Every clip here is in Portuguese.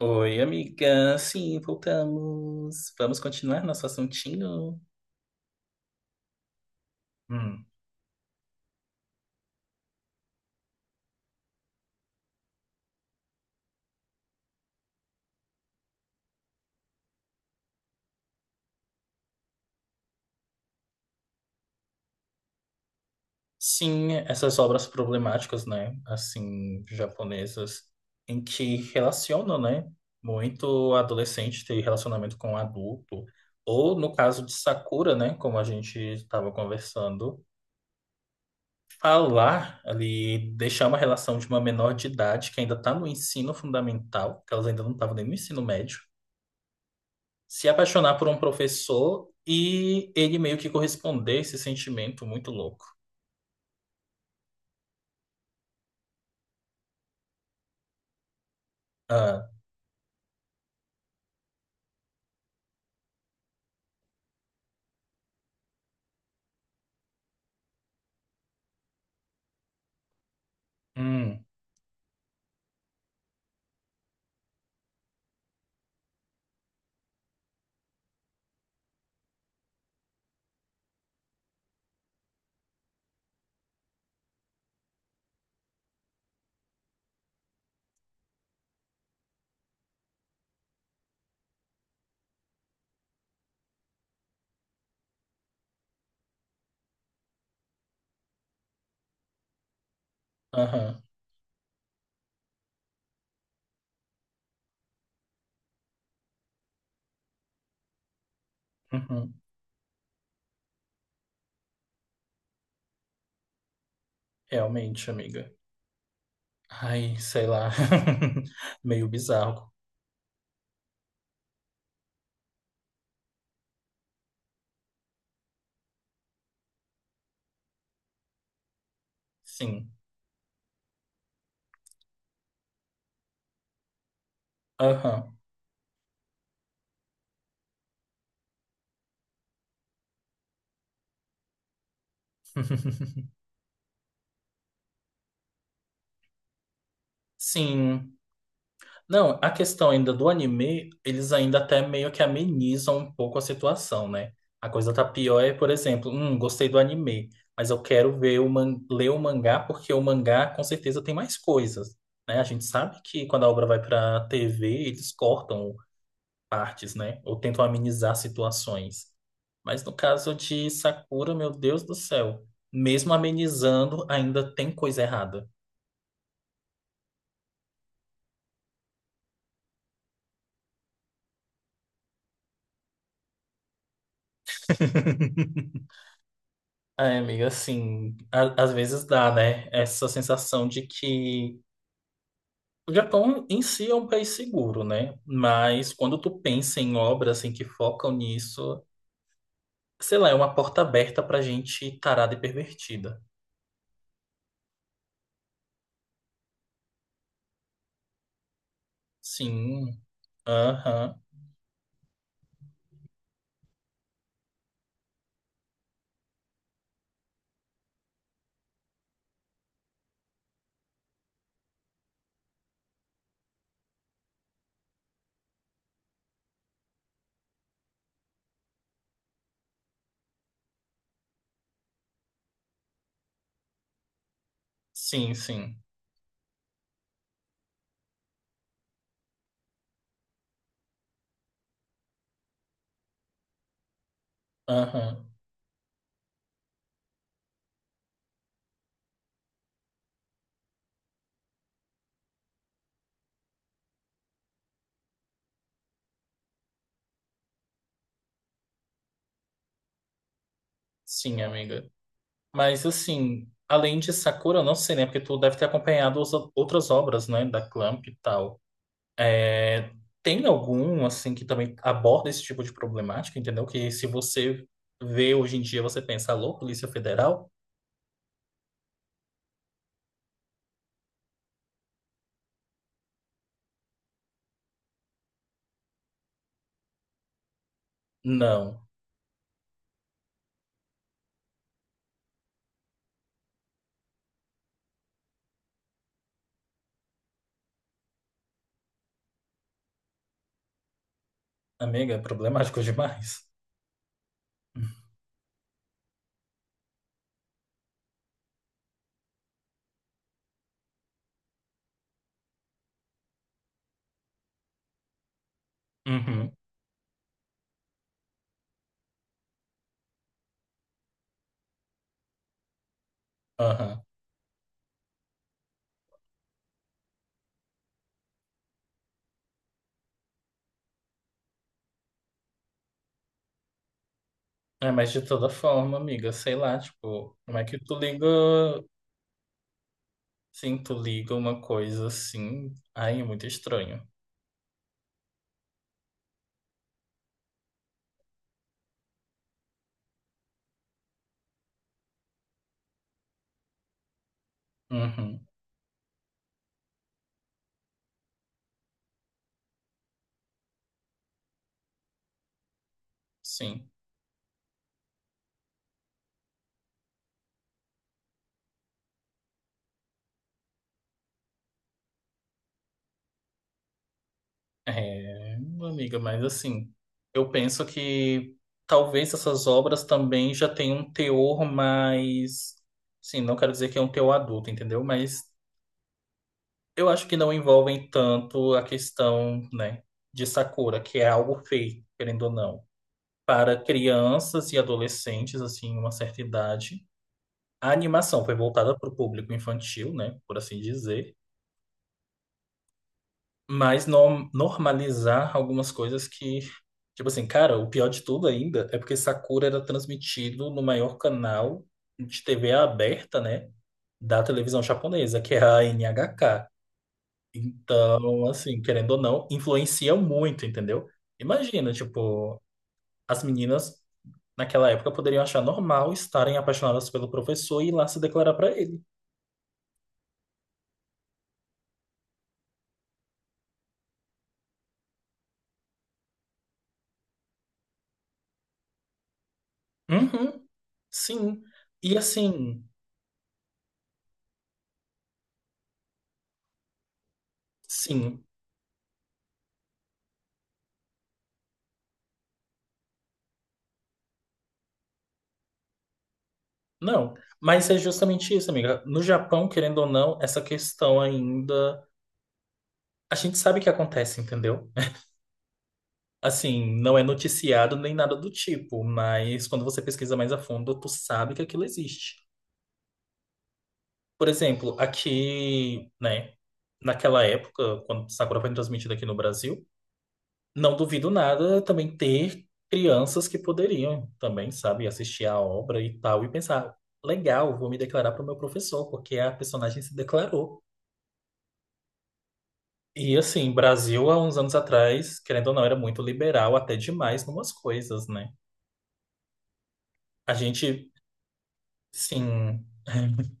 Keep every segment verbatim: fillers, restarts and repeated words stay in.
Oi, amiga. Sim, voltamos. Vamos continuar nosso assuntinho? Hum. Sim, essas obras problemáticas, né? Assim, japonesas, em que relacionam, né? Muito adolescente ter relacionamento com adulto. Ou, no caso de Sakura, né? Como a gente estava conversando, falar ali, deixar uma relação de uma menor de idade que ainda está no ensino fundamental, que elas ainda não estavam nem no ensino médio. Se apaixonar por um professor e ele meio que corresponder a esse sentimento muito louco. Ah. Hum. Aham. Uhum. Realmente, amiga. Ai, sei lá. Meio bizarro. Sim. Aham. Sim. Não, a questão ainda do anime, eles ainda até meio que amenizam um pouco a situação, né? A coisa tá pior é, por exemplo, hum, gostei do anime, mas eu quero ver o man ler o mangá porque o mangá com certeza tem mais coisas, né? A gente sabe que quando a obra vai pra T V, eles cortam partes, né? Ou tentam amenizar situações. Mas no caso de Sakura, meu Deus do céu, mesmo amenizando, ainda tem coisa errada. Ai, amiga, assim, a- às vezes dá, né? Essa sensação de que o Japão em si é um país seguro, né? Mas quando tu pensa em obras assim que focam nisso, sei lá, é uma porta aberta pra gente tarada e pervertida. Sim. Aham. Sim, sim. Aham. Sim, amiga. Mas assim, além de Sakura, eu não sei, né? Porque tu deve ter acompanhado os- outras obras, né? Da Clamp e tal. É, tem algum, assim, que também aborda esse tipo de problemática, entendeu? Que se você vê hoje em dia, você pensa, alô, Polícia Federal? Não. Amiga, é problemático demais. Uhum. Aham. É, mas de toda forma, amiga, sei lá, tipo, como é que tu liga, sim, tu liga uma coisa assim, aí é muito estranho. Uhum. Sim. É, amiga, mas assim, eu penso que talvez essas obras também já tenham um teor mais. Sim, não quero dizer que é um teor adulto, entendeu? Mas eu acho que não envolvem tanto a questão, né, de Sakura, que é algo feito, querendo ou não, para crianças e adolescentes, assim, uma certa idade. A animação foi voltada para o público infantil, né, por assim dizer. Mas no- normalizar algumas coisas que, tipo assim, cara, o pior de tudo ainda é porque Sakura era transmitido no maior canal de T V aberta, né, da televisão japonesa, que é a N H K. Então, assim, querendo ou não, influencia muito, entendeu? Imagina, tipo, as meninas naquela época poderiam achar normal estarem apaixonadas pelo professor e ir lá se declarar pra ele. Uhum. Sim. E assim, sim. Não, mas é justamente isso, amiga. No Japão, querendo ou não, essa questão ainda. A gente sabe que acontece, entendeu? Assim, não é noticiado nem nada do tipo, mas quando você pesquisa mais a fundo, tu sabe que aquilo existe. Por exemplo, aqui, né, naquela época, quando Sakura foi transmitida aqui no Brasil, não duvido nada também ter crianças que poderiam também, sabe, assistir a obra e tal, e pensar, legal, vou me declarar para o meu professor, porque a personagem se declarou. E assim, Brasil há uns anos atrás, querendo ou não, era muito liberal, até demais numas coisas, né? A gente, sim,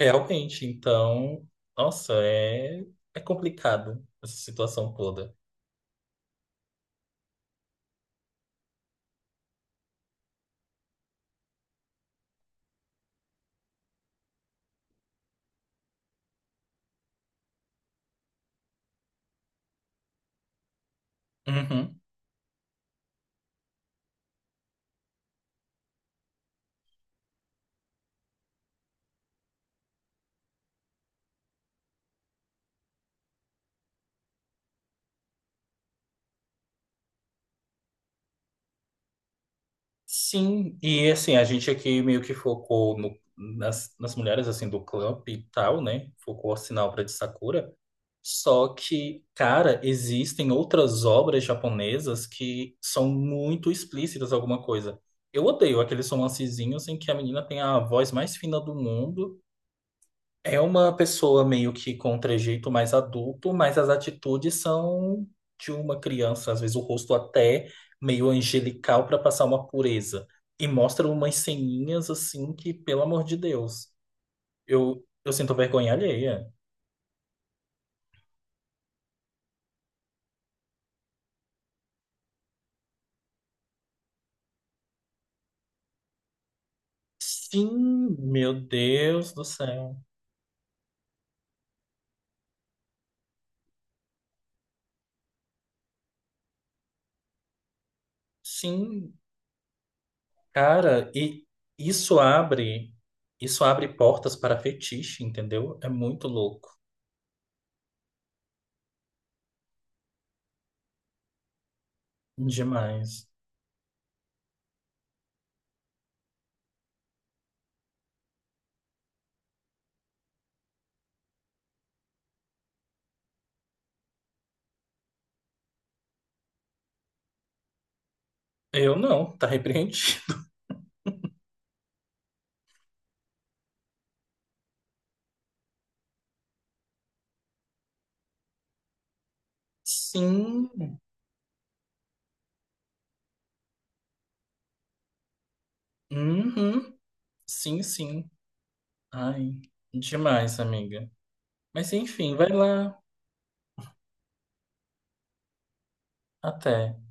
realmente, então, nossa, é, é complicado essa situação toda. Uhum. Sim, e assim, a gente aqui meio que focou no- nas, nas mulheres, assim, do clube e tal, né? Focou, o sinal, pra de Sakura. Só que, cara, existem outras obras japonesas que são muito explícitas alguma coisa. Eu odeio aqueles romancezinhos em que a menina tem a voz mais fina do mundo. É uma pessoa meio que com um trejeito mais adulto, mas as atitudes são de uma criança, às vezes o rosto até meio angelical para passar uma pureza. E mostra umas ceninhas assim que, pelo amor de Deus, eu, eu sinto vergonha alheia. Sim, meu Deus do céu. Sim, cara, e isso abre, isso abre portas para fetiche, entendeu? É muito louco, demais. Eu não, tá repreendido. Sim. Uhum. Sim, sim. Ai, demais, amiga. Mas enfim, vai lá, até.